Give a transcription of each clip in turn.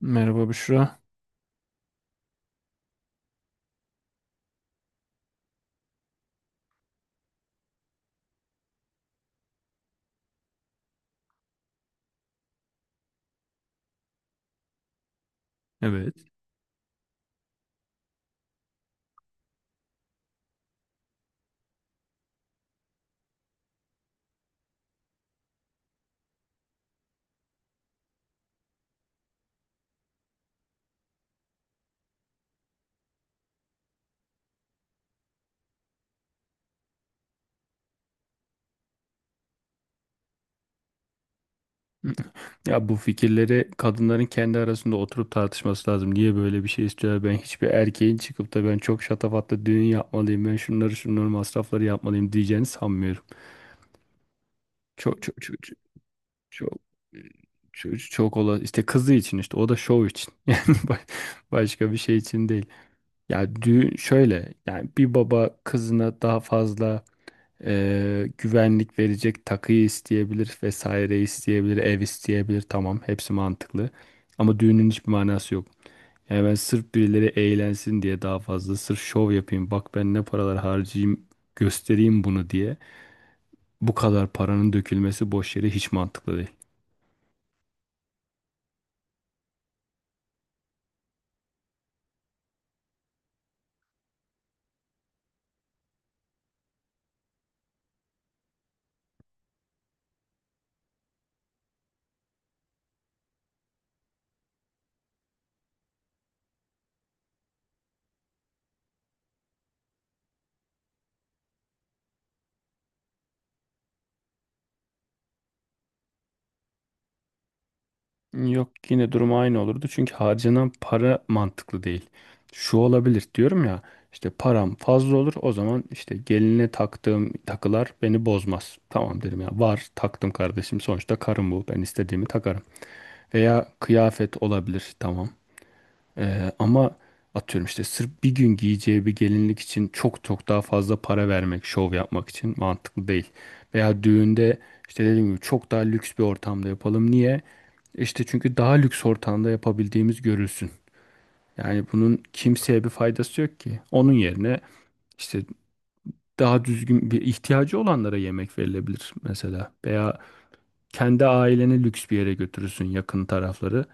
Merhaba Büşra. Evet. Ya bu fikirleri kadınların kendi arasında oturup tartışması lazım. Niye böyle bir şey istiyor? Ben hiçbir erkeğin çıkıp da ben çok şatafatlı düğün yapmalıyım. Ben şunları masrafları yapmalıyım diyeceğini sanmıyorum. Çok çok çok çok çok çok ola işte kızı için işte o da şov için. Yani başka bir şey için değil. Ya düğün şöyle yani bir baba kızına daha fazla güvenlik verecek takıyı isteyebilir vesaire isteyebilir ev isteyebilir, tamam hepsi mantıklı ama düğünün hiçbir manası yok. Yani ben sırf birileri eğlensin diye daha fazla sırf şov yapayım, bak ben ne paralar harcayayım göstereyim bunu diye bu kadar paranın dökülmesi boş yere hiç mantıklı değil. Yok, yine durum aynı olurdu. Çünkü harcanan para mantıklı değil. Şu olabilir diyorum ya, işte param fazla olur, o zaman işte geline taktığım takılar beni bozmaz. Tamam derim ya, var taktım kardeşim, sonuçta karım bu, ben istediğimi takarım. Veya kıyafet olabilir, tamam. Ama atıyorum işte sırf bir gün giyeceği bir gelinlik için çok çok daha fazla para vermek, şov yapmak için mantıklı değil. Veya düğünde işte dediğim gibi çok daha lüks bir ortamda yapalım. Niye? İşte çünkü daha lüks ortamda yapabildiğimiz görülsün. Yani bunun kimseye bir faydası yok ki. Onun yerine işte daha düzgün bir ihtiyacı olanlara yemek verilebilir mesela. Veya kendi aileni lüks bir yere götürürsün, yakın tarafları.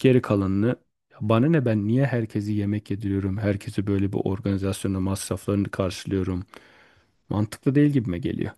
Geri kalanını "Ya bana ne, ben niye herkesi yemek yediriyorum? Herkese böyle bir organizasyonda masraflarını karşılıyorum." Mantıklı değil gibime geliyor.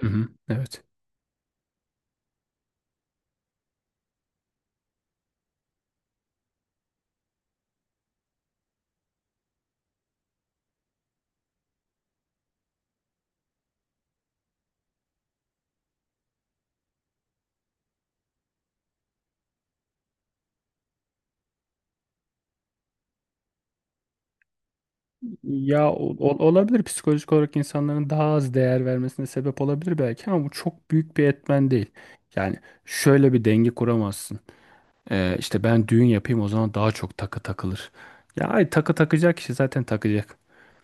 Hı hı, evet. Ya olabilir, psikolojik olarak insanların daha az değer vermesine sebep olabilir belki, ama bu çok büyük bir etmen değil. Yani şöyle bir denge kuramazsın. İşte ben düğün yapayım, o zaman daha çok takı takılır. Ya ay, takı takacak kişi zaten takacak.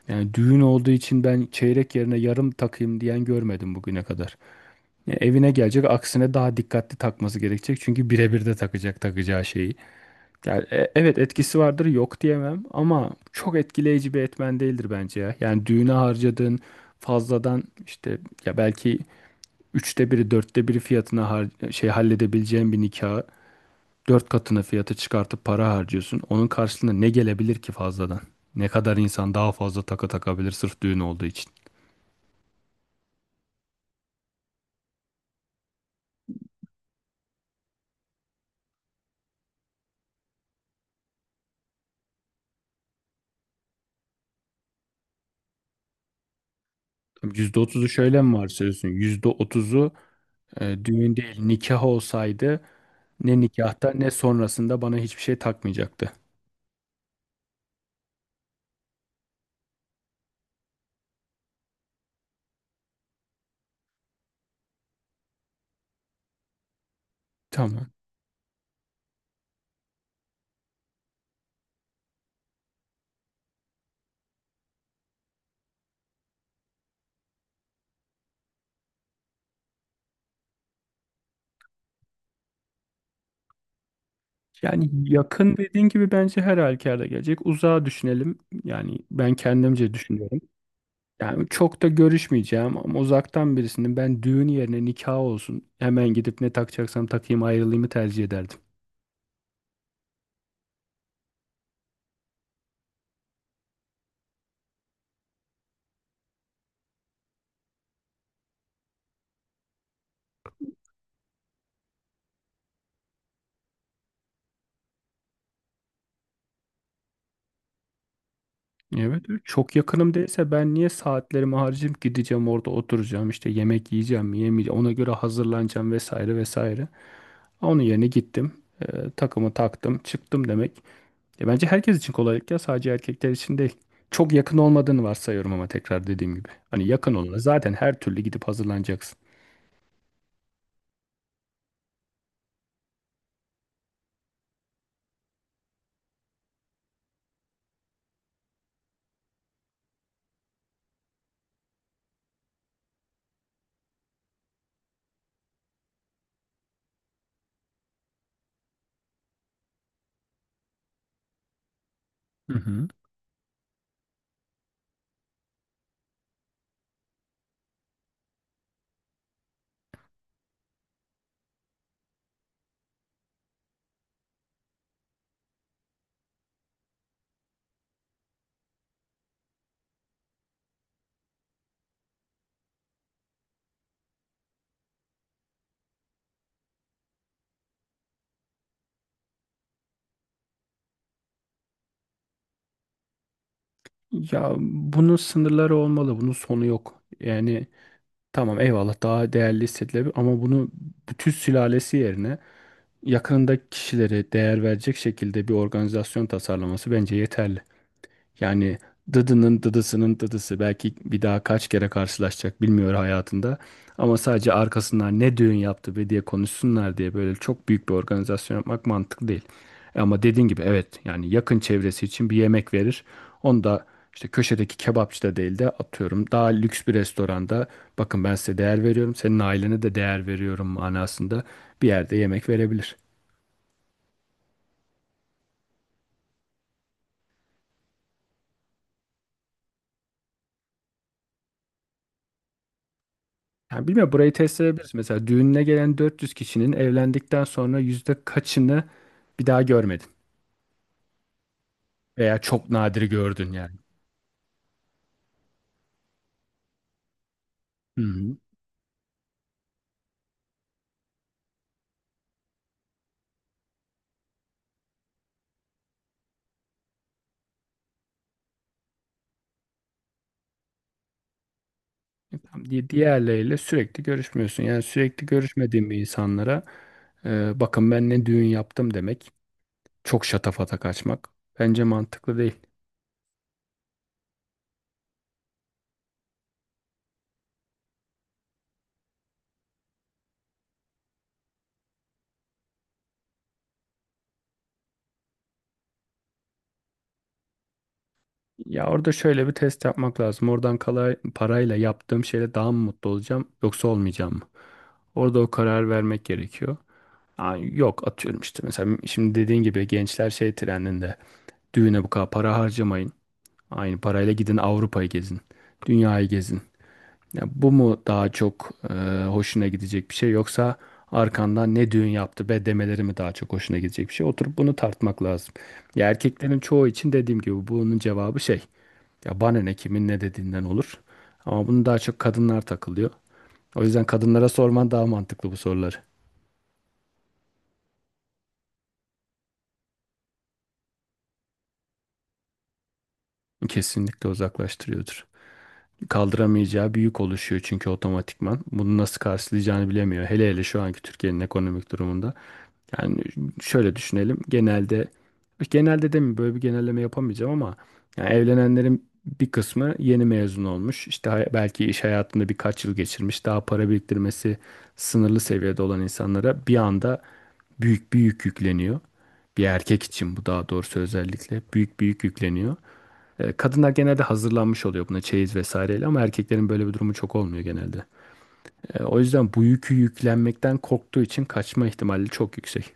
Yani düğün olduğu için ben çeyrek yerine yarım takayım diyen görmedim bugüne kadar. Ya evine gelecek, aksine daha dikkatli takması gerekecek çünkü birebir de takacak takacağı şeyi. Yani evet, etkisi vardır, yok diyemem, ama çok etkileyici bir etmen değildir bence ya. Yani düğüne harcadığın fazladan işte ya belki üçte biri dörtte biri fiyatına şey halledebileceğin bir nikahı dört katına fiyatı çıkartıp para harcıyorsun. Onun karşılığında ne gelebilir ki fazladan? Ne kadar insan daha fazla takı takabilir sırf düğün olduğu için? %30'u şöyle mi varsayıyorsun? %30'u düğün değil nikah olsaydı ne nikahta ne sonrasında bana hiçbir şey takmayacaktı. Tamam. Yani yakın dediğin gibi bence her halükarda gelecek. Uzağa düşünelim. Yani ben kendimce düşünüyorum. Yani çok da görüşmeyeceğim ama uzaktan birisinin, ben düğün yerine nikah olsun, hemen gidip ne takacaksam takayım ayrılayımı tercih ederdim. Evet, çok yakınım değilse ben niye saatlerimi harcayıp gideceğim, orada oturacağım, işte yemek yiyeceğim mi yemeyeceğim ona göre hazırlanacağım vesaire vesaire. Onun yerine gittim, takımı taktım çıktım demek. E bence herkes için kolaylık, ya sadece erkekler için değil. Çok yakın olmadığını varsayıyorum, ama tekrar dediğim gibi, hani yakın olana zaten her türlü gidip hazırlanacaksın. Hı hı. Ya bunun sınırları olmalı, bunun sonu yok. Yani tamam eyvallah, daha değerli hissedilebilir, ama bunu bütün sülalesi yerine yakınındaki kişilere değer verecek şekilde bir organizasyon tasarlaması bence yeterli. Yani dıdının dıdısının dıdısı belki bir daha kaç kere karşılaşacak bilmiyor hayatında. Ama sadece arkasından ne düğün yaptı be diye konuşsunlar diye böyle çok büyük bir organizasyon yapmak mantıklı değil. Ama dediğin gibi, evet yani yakın çevresi için bir yemek verir. Onu da işte köşedeki kebapçıda değil de atıyorum daha lüks bir restoranda, bakın ben size değer veriyorum, senin ailene de değer veriyorum manasında bir yerde yemek verebilir. Yani bilmiyorum, burayı test edebiliriz. Mesela düğününe gelen 400 kişinin evlendikten sonra yüzde kaçını bir daha görmedin veya çok nadir gördün yani. Hı hı. Diğerleriyle sürekli görüşmüyorsun. Yani sürekli görüşmediğin bir insanlara, bakın ben ne düğün yaptım demek, çok şatafata kaçmak bence mantıklı değil. Ya orada şöyle bir test yapmak lazım. Oradan kalay, parayla yaptığım şeyle daha mı mutlu olacağım yoksa olmayacağım mı? Orada o karar vermek gerekiyor. Aa, yok atıyorum işte mesela şimdi dediğin gibi gençler şey trendinde, düğüne bu kadar para harcamayın. Aynı parayla gidin Avrupa'yı gezin. Dünyayı gezin. Ya bu mu daha çok hoşuna gidecek bir şey, yoksa arkandan ne düğün yaptı be demeleri mi daha çok hoşuna gidecek bir şey? Oturup bunu tartmak lazım. Ya erkeklerin çoğu için dediğim gibi bunun cevabı şey. Ya bana ne kimin ne dediğinden olur. Ama bunu daha çok kadınlar takılıyor. O yüzden kadınlara sorman daha mantıklı bu soruları. Kesinlikle uzaklaştırıyordur. Kaldıramayacağı bir yük oluşuyor çünkü otomatikman. Bunu nasıl karşılayacağını bilemiyor. Hele hele şu anki Türkiye'nin ekonomik durumunda. Yani şöyle düşünelim. Genelde genelde de mi böyle bir genelleme yapamayacağım ama yani evlenenlerin bir kısmı yeni mezun olmuş. İşte belki iş hayatında birkaç yıl geçirmiş. Daha para biriktirmesi sınırlı seviyede olan insanlara bir anda büyük bir yük yükleniyor. Bir erkek için bu daha doğrusu özellikle büyük bir yük yükleniyor. Kadınlar genelde hazırlanmış oluyor buna çeyiz vesaireyle, ama erkeklerin böyle bir durumu çok olmuyor genelde. O yüzden bu yükü yüklenmekten korktuğu için kaçma ihtimali çok yüksek.